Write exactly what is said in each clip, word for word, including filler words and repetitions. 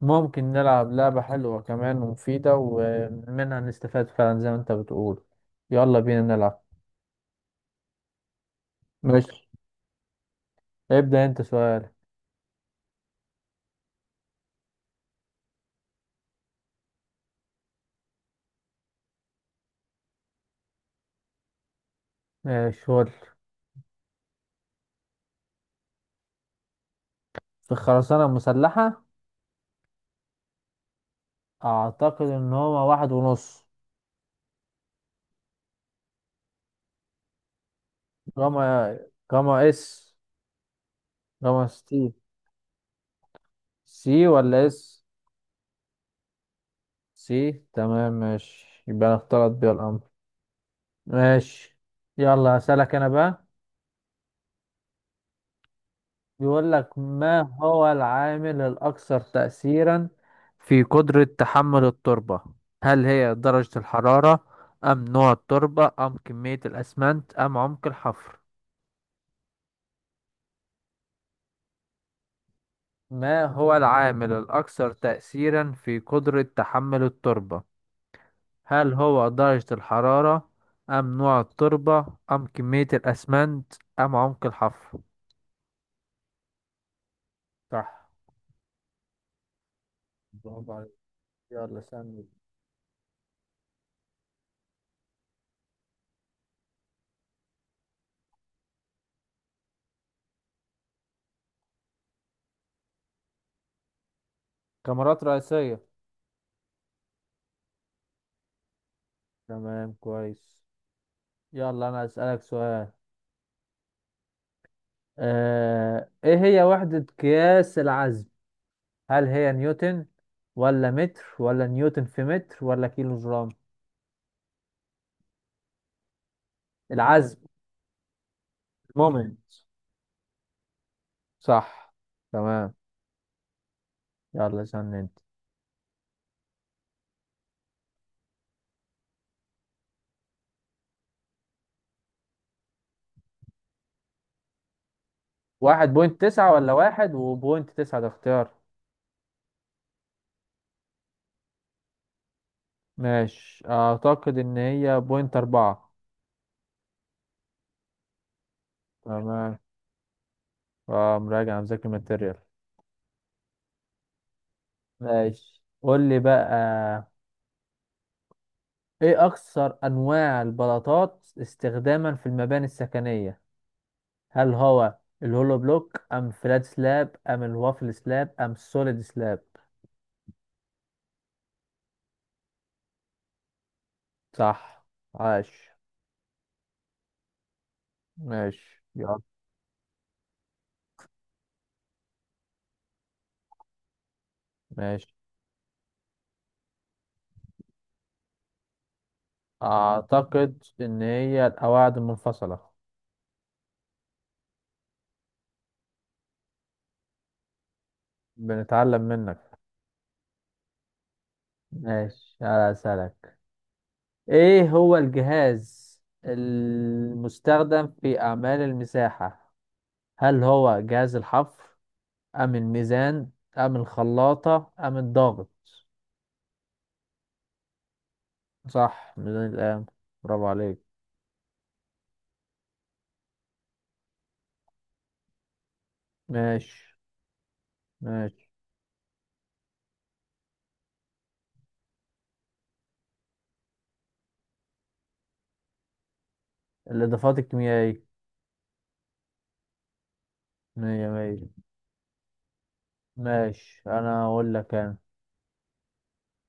ممكن نلعب لعبة حلوة كمان ومفيدة ومنها نستفاد فعلا، زي ما انت بتقول. يلا بينا نلعب. ماشي، ابدأ انت سؤال. ماشي ودي. في الخرسانة المسلحة، أعتقد إن هما واحد ونص. جاما، جاما اس، جاما سي. سي ولا اس؟ سي، تمام ماشي، يبقى أنا اختلط بيها الأمر. ماشي. يلا هسألك أنا بقى. بيقول لك: ما هو العامل الأكثر تأثيرا في قدرة تحمل التربة؟ هل هي درجة الحرارة أم نوع التربة أم كمية الأسمنت أم عمق الحفر؟ ما هو العامل الأكثر تأثيرا في قدرة تحمل التربة؟ هل هو درجة الحرارة أم نوع التربة أم كمية الأسمنت أم عمق الحفر؟ صح، برافو عليك. يلا سألني. كاميرات رئيسية. تمام كويس. يلا انا اسالك سؤال. آه، ايه هي وحدة قياس العزم؟ هل هي نيوتن ولا متر ولا نيوتن في متر ولا كيلو جرام؟ العزم مومنت. صح، تمام. يلا استنى انت. واحد بوينت تسعة ولا واحد وبوينت تسعة، ده اختيار؟ ماشي، اعتقد ان هي بوينت اربعة. تمام. اه، مراجع مذاكر ماتيريال. ماشي قول لي بقى: ايه اكثر انواع البلاطات استخداما في المباني السكنية؟ هل هو الهولو بلوك ام فلات سلاب ام الوافل سلاب ام السوليد سلاب؟ صح، عاش. ماشي يلا. ماشي، اعتقد ان هي القواعد المنفصلة. بنتعلم منك. ماشي على سلك. ايه هو الجهاز المستخدم في اعمال المساحة؟ هل هو جهاز الحفر ام الميزان ام الخلاطة ام الضغط؟ صح، ميزان الآن. برافو عليك. ماشي. ماشي، الإضافات الكيميائية. مية مية. ماشي، أنا هقول لك أنا.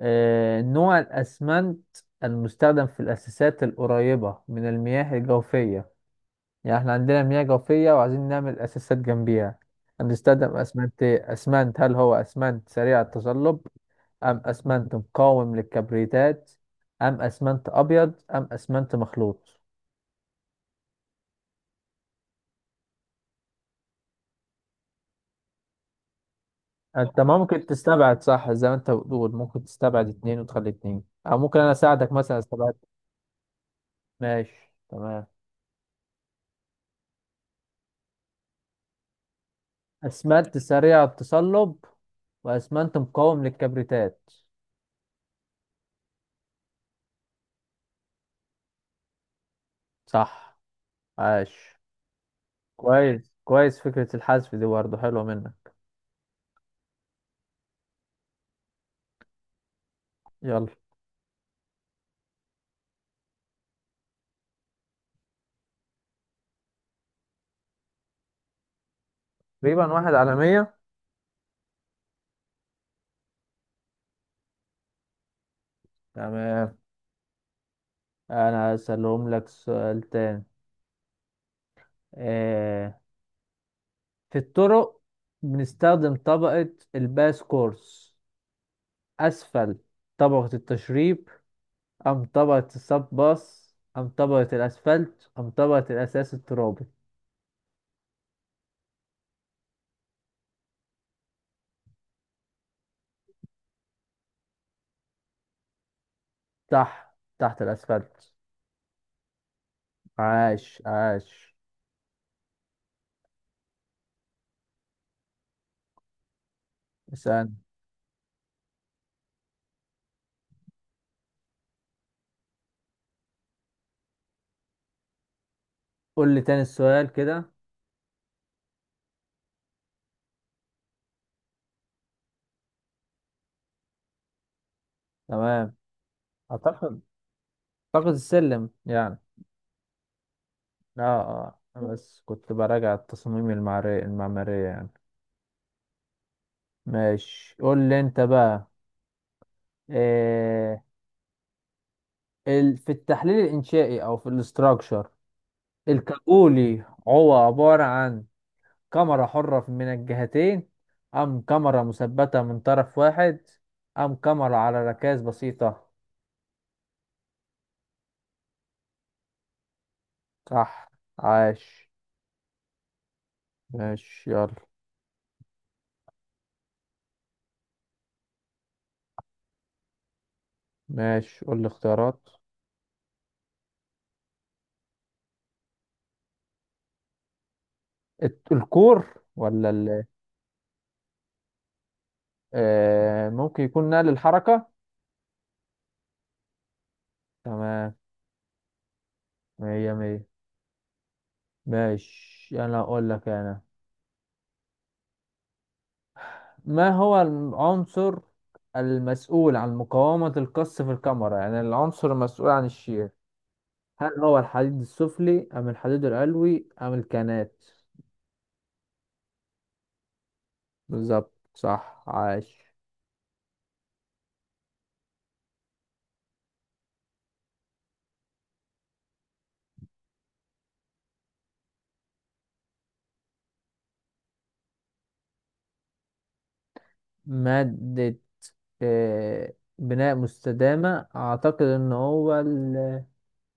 آه نوع الأسمنت المستخدم في الأساسات القريبة من المياه الجوفية، يعني إحنا عندنا مياه جوفية وعايزين نعمل أساسات جنبيها، هنستخدم أسمنت إيه؟ أسمنت، هل هو أسمنت سريع التصلب أم أسمنت مقاوم للكبريتات أم أسمنت أبيض أم أسمنت مخلوط؟ انت ممكن تستبعد، صح؟ زي ما انت بتقول ممكن تستبعد اتنين وتخلي اتنين، او ممكن انا اساعدك مثلا استبعد. ماشي تمام. اسمنت سريع التصلب واسمنت مقاوم للكبريتات. صح، عاش. كويس كويس، فكرة الحذف دي برضه حلوة منك. يلا. تقريبا واحد على مية. تمام. انا هسألهم لك سؤال تاني. آه. في الطرق بنستخدم طبقة الباس كورس اسفل طبقة التشريب ام طبقة الصب باص ام طبقة الاسفلت ام طبقة الاساس الترابي. تحت تحت الاسفلت. عاش عاش. اسأل. قول لي تاني السؤال كده. تمام. اعتقد اعتقد السلم يعني. اه اه، أنا بس كنت براجع التصاميم المعمارية المعمارية يعني. ماشي، قول لي انت بقى. إيه ال... في التحليل الانشائي او في الاستراكشر، الكابولي هو عبارة عن كاميرا حرة من الجهتين ام كاميرا مثبتة من طرف واحد ام كاميرا على ركاز بسيطة؟ صح، عاش. ماشي يلا. ماشي قول لي اختيارات. الت- الكور، ولا ال آه ممكن يكون نقل الحركة. تمام. مية مية. ماشي، أنا أقول لك أنا. ما هو العنصر المسؤول عن مقاومة القص في الكاميرا، يعني العنصر المسؤول عن الشير؟ هل هو الحديد السفلي أم الحديد العلوي أم الكانات؟ بالظبط، صح، عاش. مادة آه، بناء مستدامة، أعتقد إن هو ال-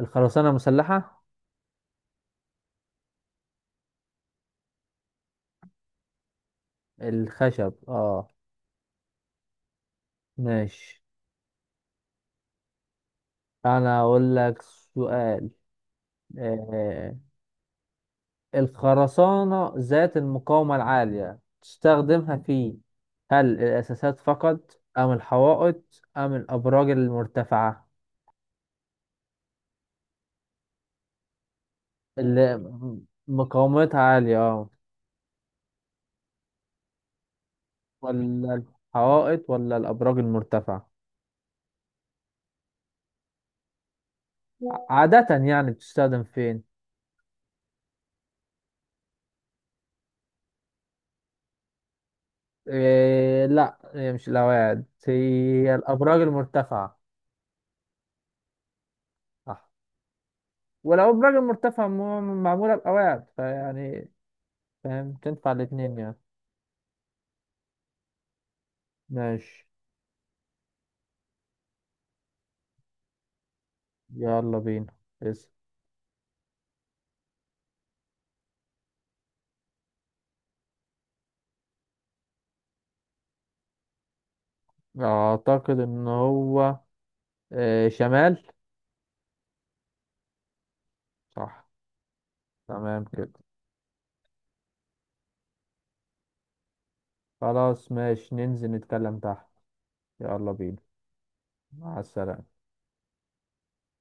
الخرسانة مسلحة. الخشب، اه. ماشي، أنا أقول لك سؤال. آه، الخرسانة ذات المقاومة العالية تستخدمها في؟ هل الأساسات فقط أم الحوائط أم الأبراج المرتفعة؟ اللي م- مقاومتها عالية، اه. ولا الحوائط ولا الأبراج المرتفعة؟ ع- عادة يعني بتستخدم فين؟ إيه، لا، هي مش الأواعد، هي الأبراج المرتفعة. صح. والأبراج المرتفعة م- معمولة بأواعد، فيعني فاهم تنفع الاتنين يعني. ماشي يلا بينا. اسم. أعتقد إن هو، إيه، شمال. صح، تمام كده. خلاص ماشي، ننزل نتكلم تحت. يلا بينا. مع السلامة.